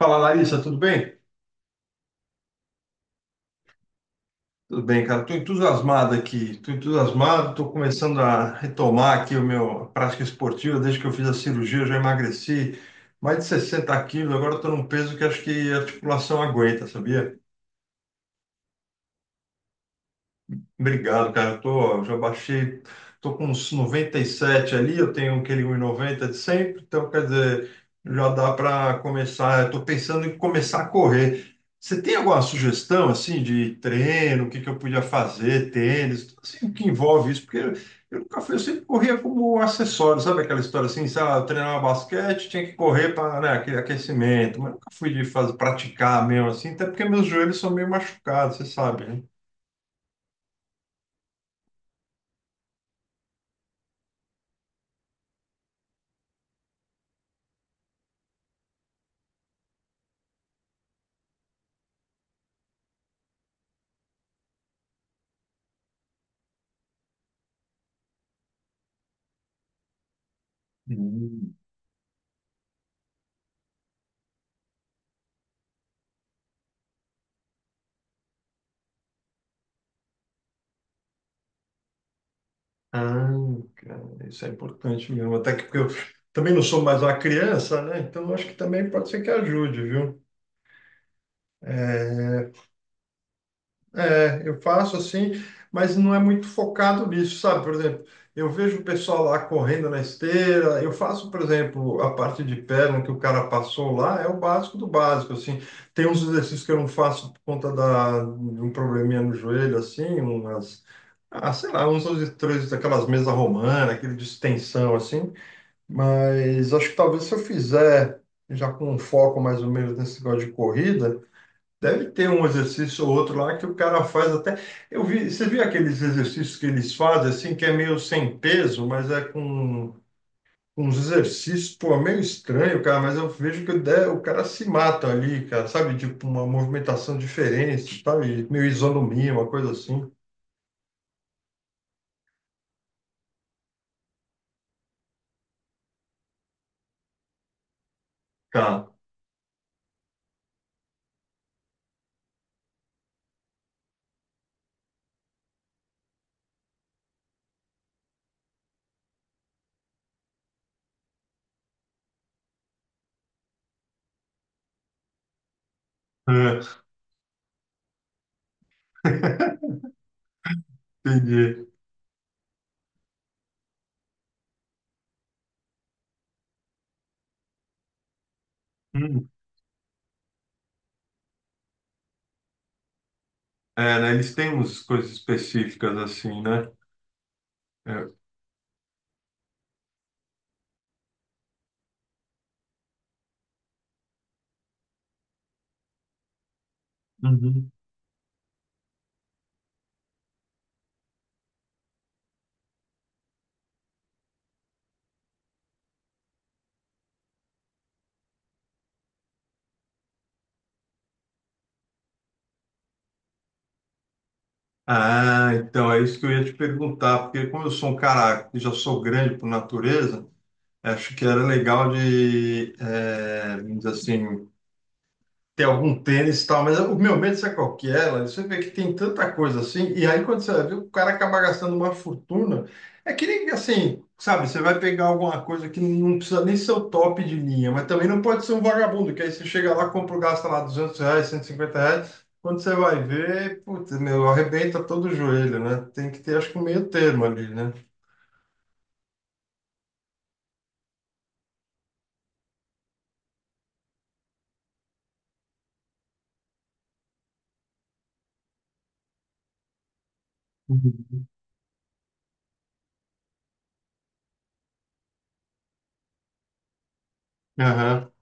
Fala, Larissa, tudo bem? Tudo bem, cara. Estou entusiasmado aqui. Estou entusiasmado, estou começando a retomar aqui o meu a prática esportiva. Desde que eu fiz a cirurgia, eu já emagreci mais de 60 quilos. Agora estou num peso que acho que a articulação aguenta, sabia? Obrigado, cara. Já baixei, tô com uns 97 ali, eu tenho aquele 1,90 de sempre, então quer dizer, já dá para começar. Eu tô pensando em começar a correr. Você tem alguma sugestão assim de treino, o que que eu podia fazer, tênis, tudo assim, o que envolve isso? Porque eu nunca fui, eu sempre corria como acessório, sabe aquela história assim, sei lá, eu treinava basquete, tinha que correr para, né, aquele aquecimento, mas nunca fui de fazer, praticar mesmo assim, até porque meus joelhos são meio machucados, você sabe, né? Hum. Ah, cara, isso é importante mesmo. Até que porque eu também não sou mais uma criança, né? Então eu acho que também pode ser que ajude, viu? É, é, eu faço assim, mas não é muito focado nisso, sabe? Por exemplo, eu vejo o pessoal lá correndo na esteira. Eu faço, por exemplo, a parte de perna que o cara passou lá, é o básico do básico, assim. Tem uns exercícios que eu não faço por conta de um probleminha no joelho, assim, umas. Ah, sei lá, uns dois, três daquelas mesas romanas, aquele de extensão, assim. Mas acho que talvez se eu fizer já com um foco mais ou menos nesse negócio de corrida, deve ter um exercício ou outro lá que o cara faz até. Você viu aqueles exercícios que eles fazem assim, que é meio sem peso, mas é com uns exercícios, pô, meio estranho, cara, mas eu vejo que o cara se mata ali, cara, sabe? Tipo uma movimentação diferente, sabe? Meio isonomia, uma coisa assim. Cara, é, entendi. Hum. É, né? Eles têm umas coisas específicas assim, né? Uhum. Ah, então é isso que eu ia te perguntar, porque como eu sou um cara que já sou grande por natureza, acho que era legal de, vamos dizer assim, tem algum tênis e tal, mas o meu medo, sabe qual que é, Larissa? Você vê que tem tanta coisa assim, e aí quando você vê, o cara acaba gastando uma fortuna. É que nem assim, sabe, você vai pegar alguma coisa que não precisa nem ser o top de linha, mas também não pode ser um vagabundo, que aí você chega lá, compra, gasta lá R$ 200, R$ 150, quando você vai ver, putz, meu, arrebenta todo o joelho, né? Tem que ter, acho que um meio termo ali, né? Uhum.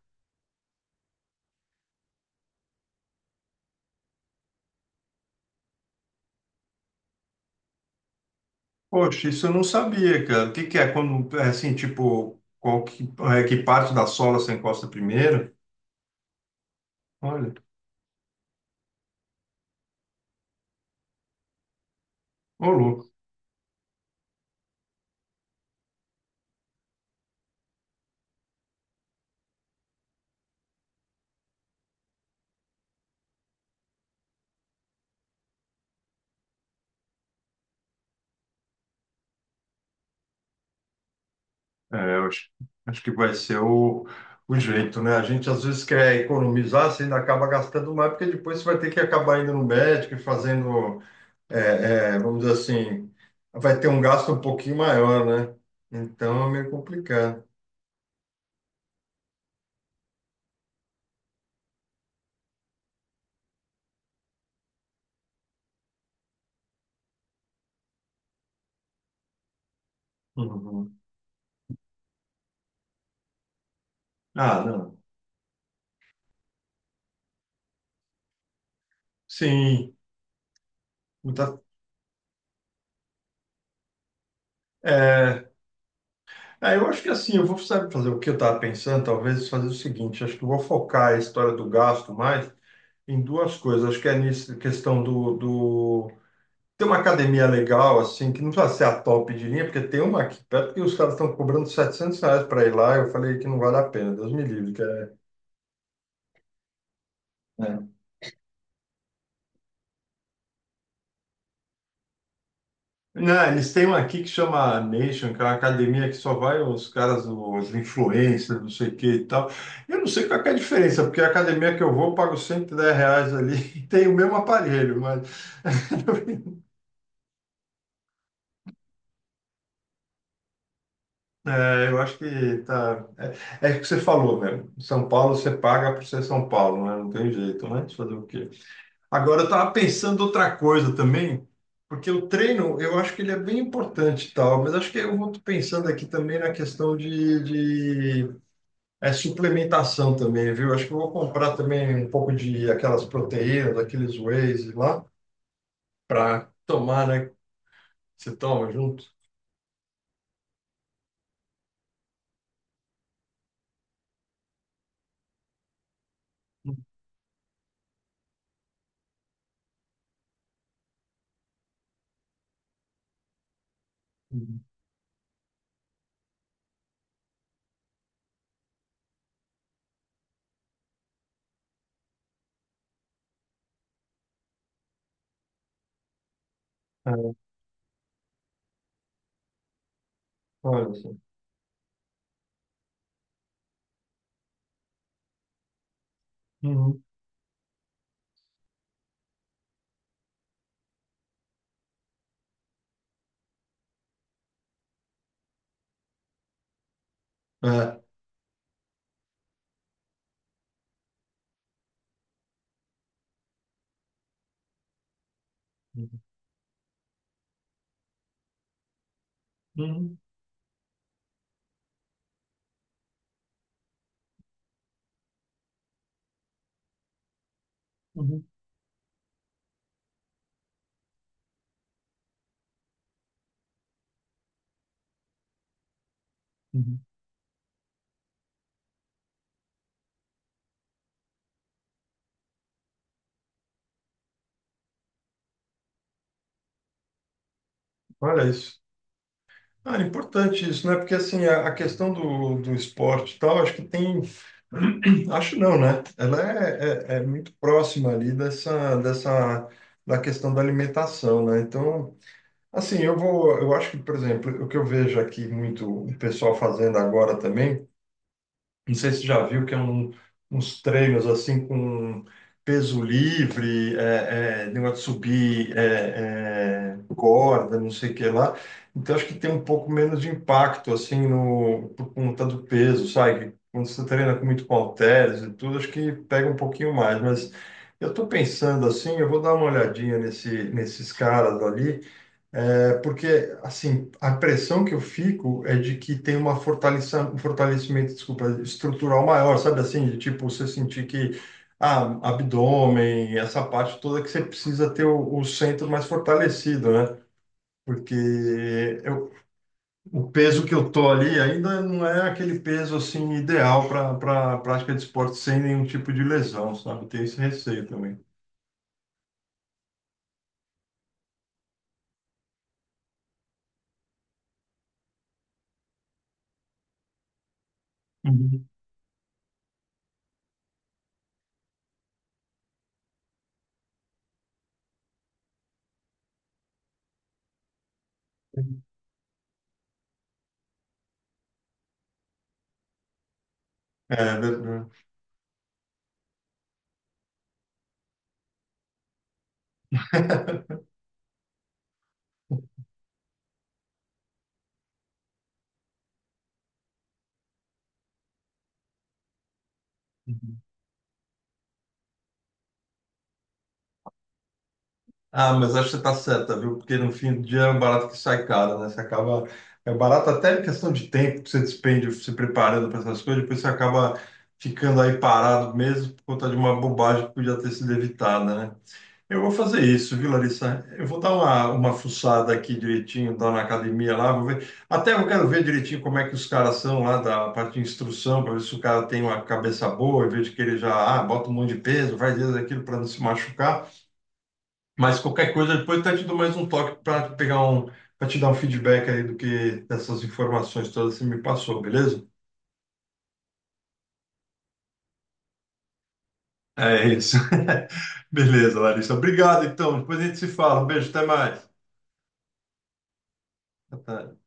Poxa, isso eu não sabia, cara. O que que é quando, é assim, tipo, qual que, é, que parte da sola você encosta primeiro? Olha, ô louco. É, eu acho que vai ser o jeito, né? A gente às vezes quer economizar, você ainda acaba gastando mais, porque depois você vai ter que acabar indo no médico e fazendo, é, vamos dizer assim, vai ter um gasto um pouquinho maior, né? Então é meio complicado. Uhum. Ah, não. Sim. Muita, é, ah, eu acho que assim, eu vou sabe, fazer o que eu estava pensando, talvez fazer o seguinte, acho que eu vou focar a história do gasto mais em duas coisas. Acho que é nisso, questão do. Ter uma academia legal, assim, que não precisa ser a top de linha, porque tem uma aqui perto que os caras estão cobrando R$ 700 para ir lá, eu falei que não vale a pena, Deus me livre, que é, né? Não, eles têm uma aqui que chama Nation, que é uma academia que só vai os caras, os influencers, não sei o que e tal. Eu não sei qual que é a diferença, porque a academia que eu vou, eu pago R$ 110 ali e tem o mesmo aparelho, mas é, eu acho que tá. É o que você falou mesmo. São Paulo você paga por ser São Paulo, né? Não tem jeito, né? Deixa eu Fazer o quê? Agora eu estava pensando outra coisa também, porque o treino eu acho que ele é bem importante e tal, mas acho que eu vou pensando aqui também na questão de, é suplementação também, viu? Acho que eu vou comprar também um pouco de aquelas proteínas, aqueles wheys lá, para tomar, né? Você toma junto. Uhum. É, olha só. Uhum. É. Uhum. Uhum. Uhum. Olha isso. Ah, é importante isso, né? Porque assim, a questão do esporte e tal, acho que tem. Acho não, né? Ela é muito próxima ali dessa, da questão da alimentação, né? Então, assim, eu acho que, por exemplo, o que eu vejo aqui muito o pessoal fazendo agora também, não sei se já viu que é uns treinos assim com peso livre, negócio de subir corda, não sei o que lá. Então acho que tem um pouco menos de impacto assim no por conta do peso, sabe? Quando você treina com muito com halteres e tudo, acho que pega um pouquinho mais. Mas eu estou pensando assim, eu vou dar uma olhadinha nesses caras ali. É porque, assim, a impressão que eu fico é de que tem uma fortaleça, um fortalecimento, desculpa, estrutural maior, sabe assim? De tipo, você sentir que, ah, abdômen, essa parte toda que você precisa ter o centro mais fortalecido, né? Porque eu, o peso que eu tô ali ainda não é aquele peso, assim, ideal para prática de esporte sem nenhum tipo de lesão, sabe? Tem esse receio também. Uhum. É, verdade. Ah, mas acho que você está certa, viu? Porque no fim do dia é um barato que sai caro, né? Você acaba. É barato até em questão de tempo que você despende se preparando para essas coisas, depois você acaba ficando aí parado mesmo por conta de uma bobagem que podia ter sido evitada, né? Eu vou fazer isso, viu, Larissa? Eu vou dar uma, fuçada aqui direitinho, dar na academia lá, vou ver. Até eu quero ver direitinho como é que os caras são lá da parte de instrução, para ver se o cara tem uma cabeça boa, em vez de querer já, ah, bota um monte de peso, faz isso, aquilo para não se machucar. Mas qualquer coisa, depois eu até te dou mais um toque para te dar um feedback aí do que dessas informações todas que você me passou, beleza? É isso. Beleza, Larissa. Obrigado, então. Depois a gente se fala. Um beijo, até mais. Até.